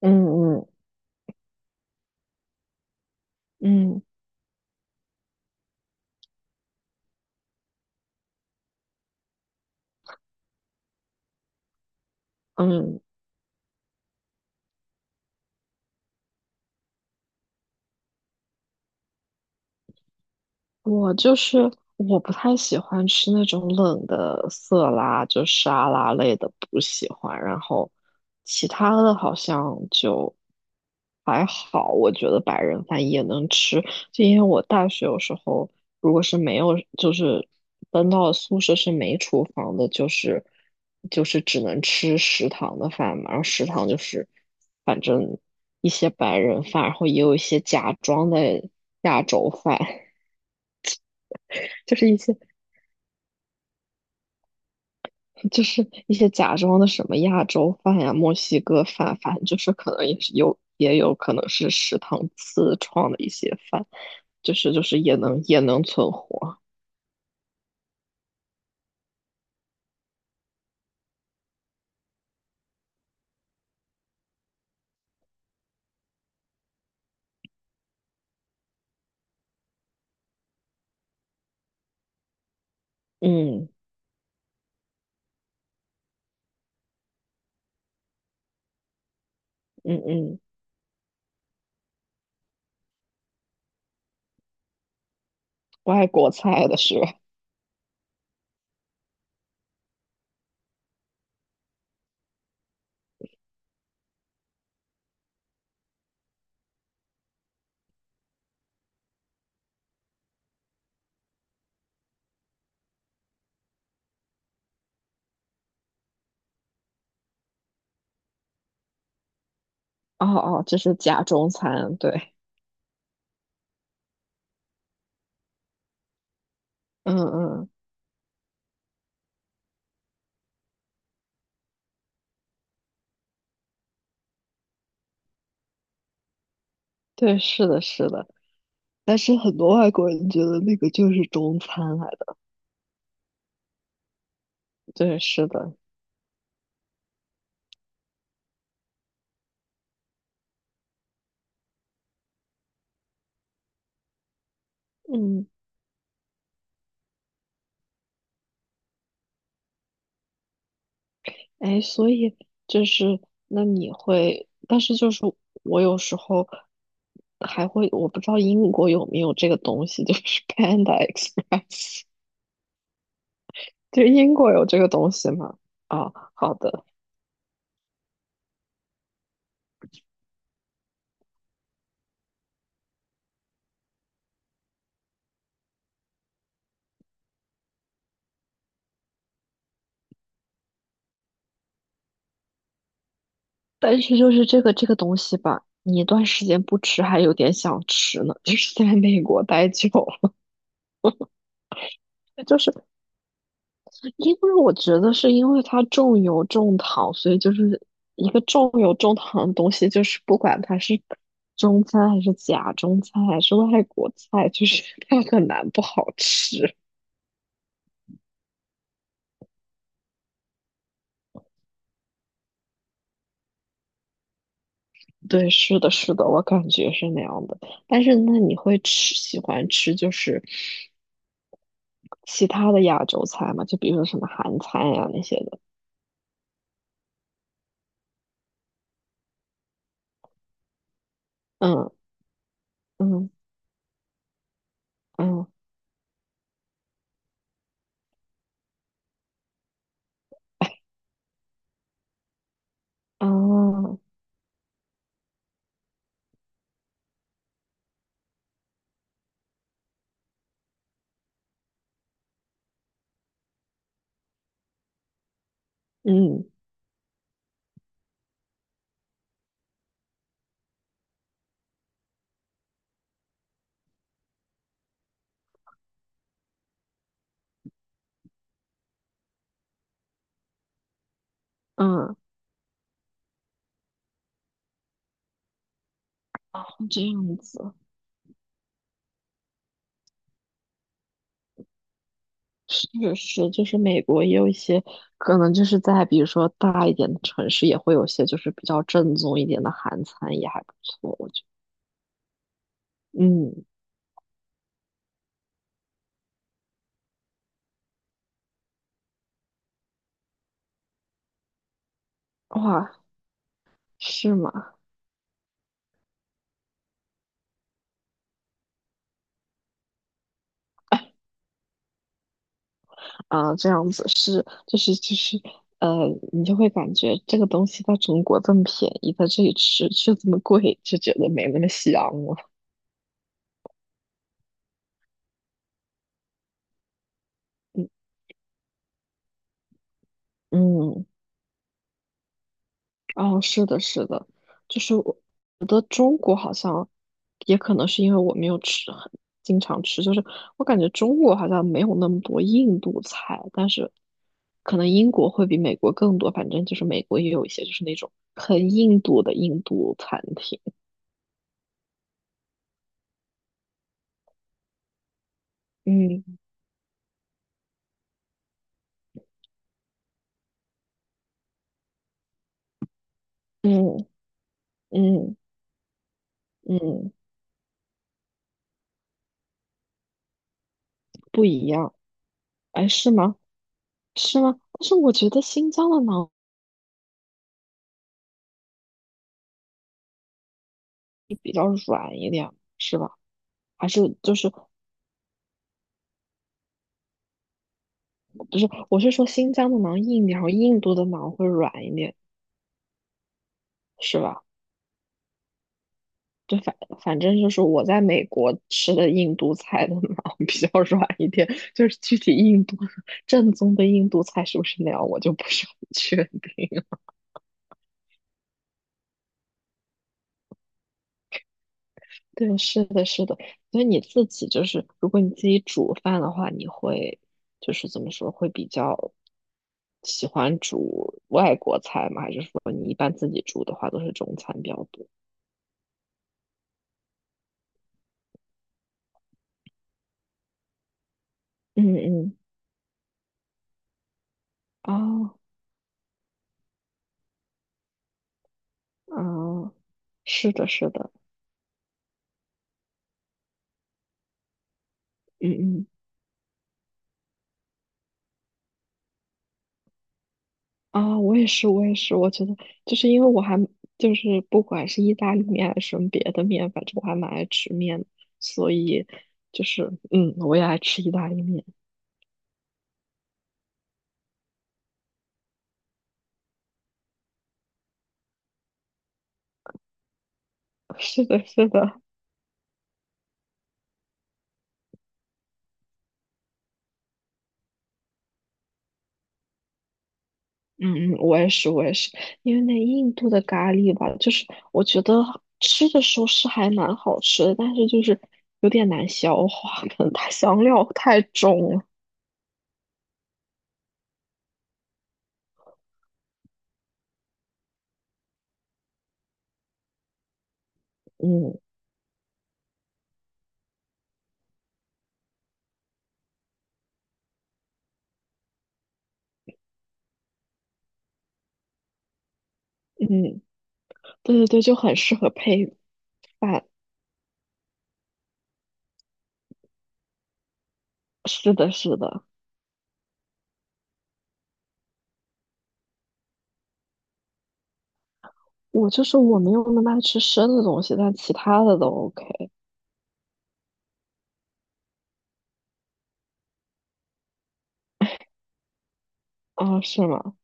嗯嗯嗯嗯，我就是我不太喜欢吃那种冷的色拉，就沙拉类的不喜欢。然后其他的好像就还好，我觉得白人饭也能吃。就因为我大学有时候如果是没有，就是搬到宿舍是没厨房的，就是只能吃食堂的饭嘛。然后食堂就是反正一些白人饭，然后也有一些假装的亚洲饭。就是一些就是一些假装的什么亚洲饭呀、墨西哥饭，反正就是可能也是有，也有可能是食堂自创的一些饭，就是也能存活。嗯嗯嗯，外国菜的是吧？哦哦，这是假中餐，对，嗯嗯，对，是的，是的。但是很多外国人觉得那个就是中餐来的，对，是的，嗯。哎，所以就是那你会，但是就是我有时候还会，我不知道英国有没有这个东西，就是 Panda Express,就英国有这个东西吗？啊，好的，但是就是这个东西吧，你一段时间不吃还有点想吃呢，就是在美国待久了，就是因为我觉得是因为它重油重糖，所以就是一个重油重糖的东西，就是不管它是中餐还是假中餐还是外国菜，就是它很难不好吃。对，是的，是的，我感觉是那样的。但是那你会吃，喜欢吃就是其他的亚洲菜吗？就比如说什么韩餐呀、那些的。嗯嗯嗯，哎，嗯嗯嗯，这样子。是是，就是美国也有一些可能就是在比如说大一点的城市，也会有些就是比较正宗一点的韩餐，也还不错，我觉得。嗯，哇，是吗？啊，这样子是，就是就是呃，你就会感觉这个东西在中国这么便宜，在这里吃却这么贵，就觉得没那么香了。嗯嗯，哦，是的，是的，就是我像也可能是因为我没有吃很经常吃，就是我感觉中国好像没有那么多印度菜，但是可能英国会比美国更多。反正就是美国也有一些就是那种很印度的印度餐厅，嗯嗯嗯嗯，不一样。哎，是吗？是吗？但是我觉得新疆的馕比较软一点，是吧？还是就是不是？我是说新疆的馕硬一点，然后印度的馕会软一点，是吧？就反正就是我在美国吃的印度菜的脑比较软一点，就是具体印度正宗的印度菜是不是那样，我就不是很确定了 对，是的，是的。所以你自己就是，如果你自己煮饭的话，你会就是怎么说，会比较喜欢煮外国菜吗？还是说你一般自己煮的话都是中餐比较多？嗯嗯，哦，哦，是的，是的，嗯嗯。啊，我也是，我也是，我觉得就是因为我还就是不管是意大利面还是什么别的面，反正我还蛮爱吃面的，所以就是嗯，我也爱吃意大利面。是的，是的，嗯嗯，我也是，我也是，因为那印度的咖喱吧，就是我觉得吃的时候是还蛮好吃的，但是就是有点难消化，可能它香料太重了。嗯嗯，对对对，就很适合配饭。是的，是的。我就是我没有那么爱吃生的东西，但其他的都 OK 啊，是吗？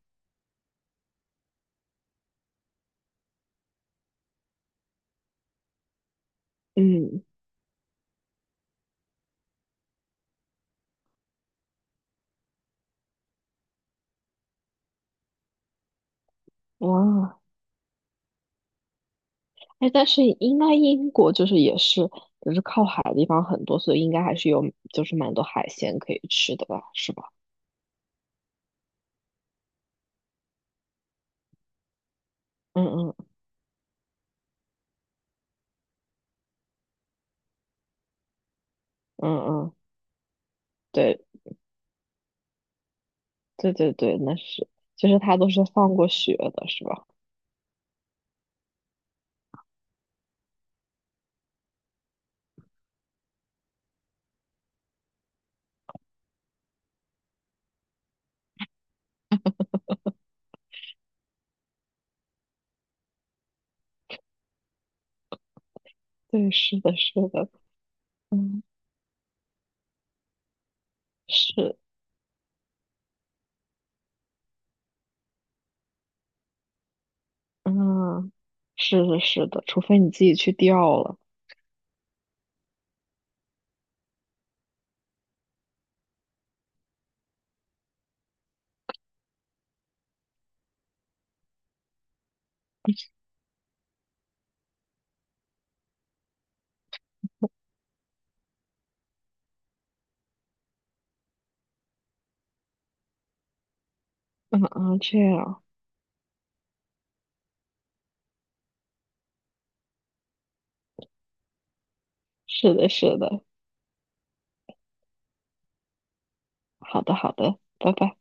嗯，哇，哎，但是应该英国就是也是就是靠海的地方很多，所以应该还是有就是蛮多海鲜可以吃的吧，是吧？嗯嗯嗯嗯，对对对对，那是，就是它都是放过血的，是吧？对，是的，是的，嗯，是，嗯，是的，是的，除非你自己去钓了，嗯嗯，这样，是的，是的。好的，好的，拜拜。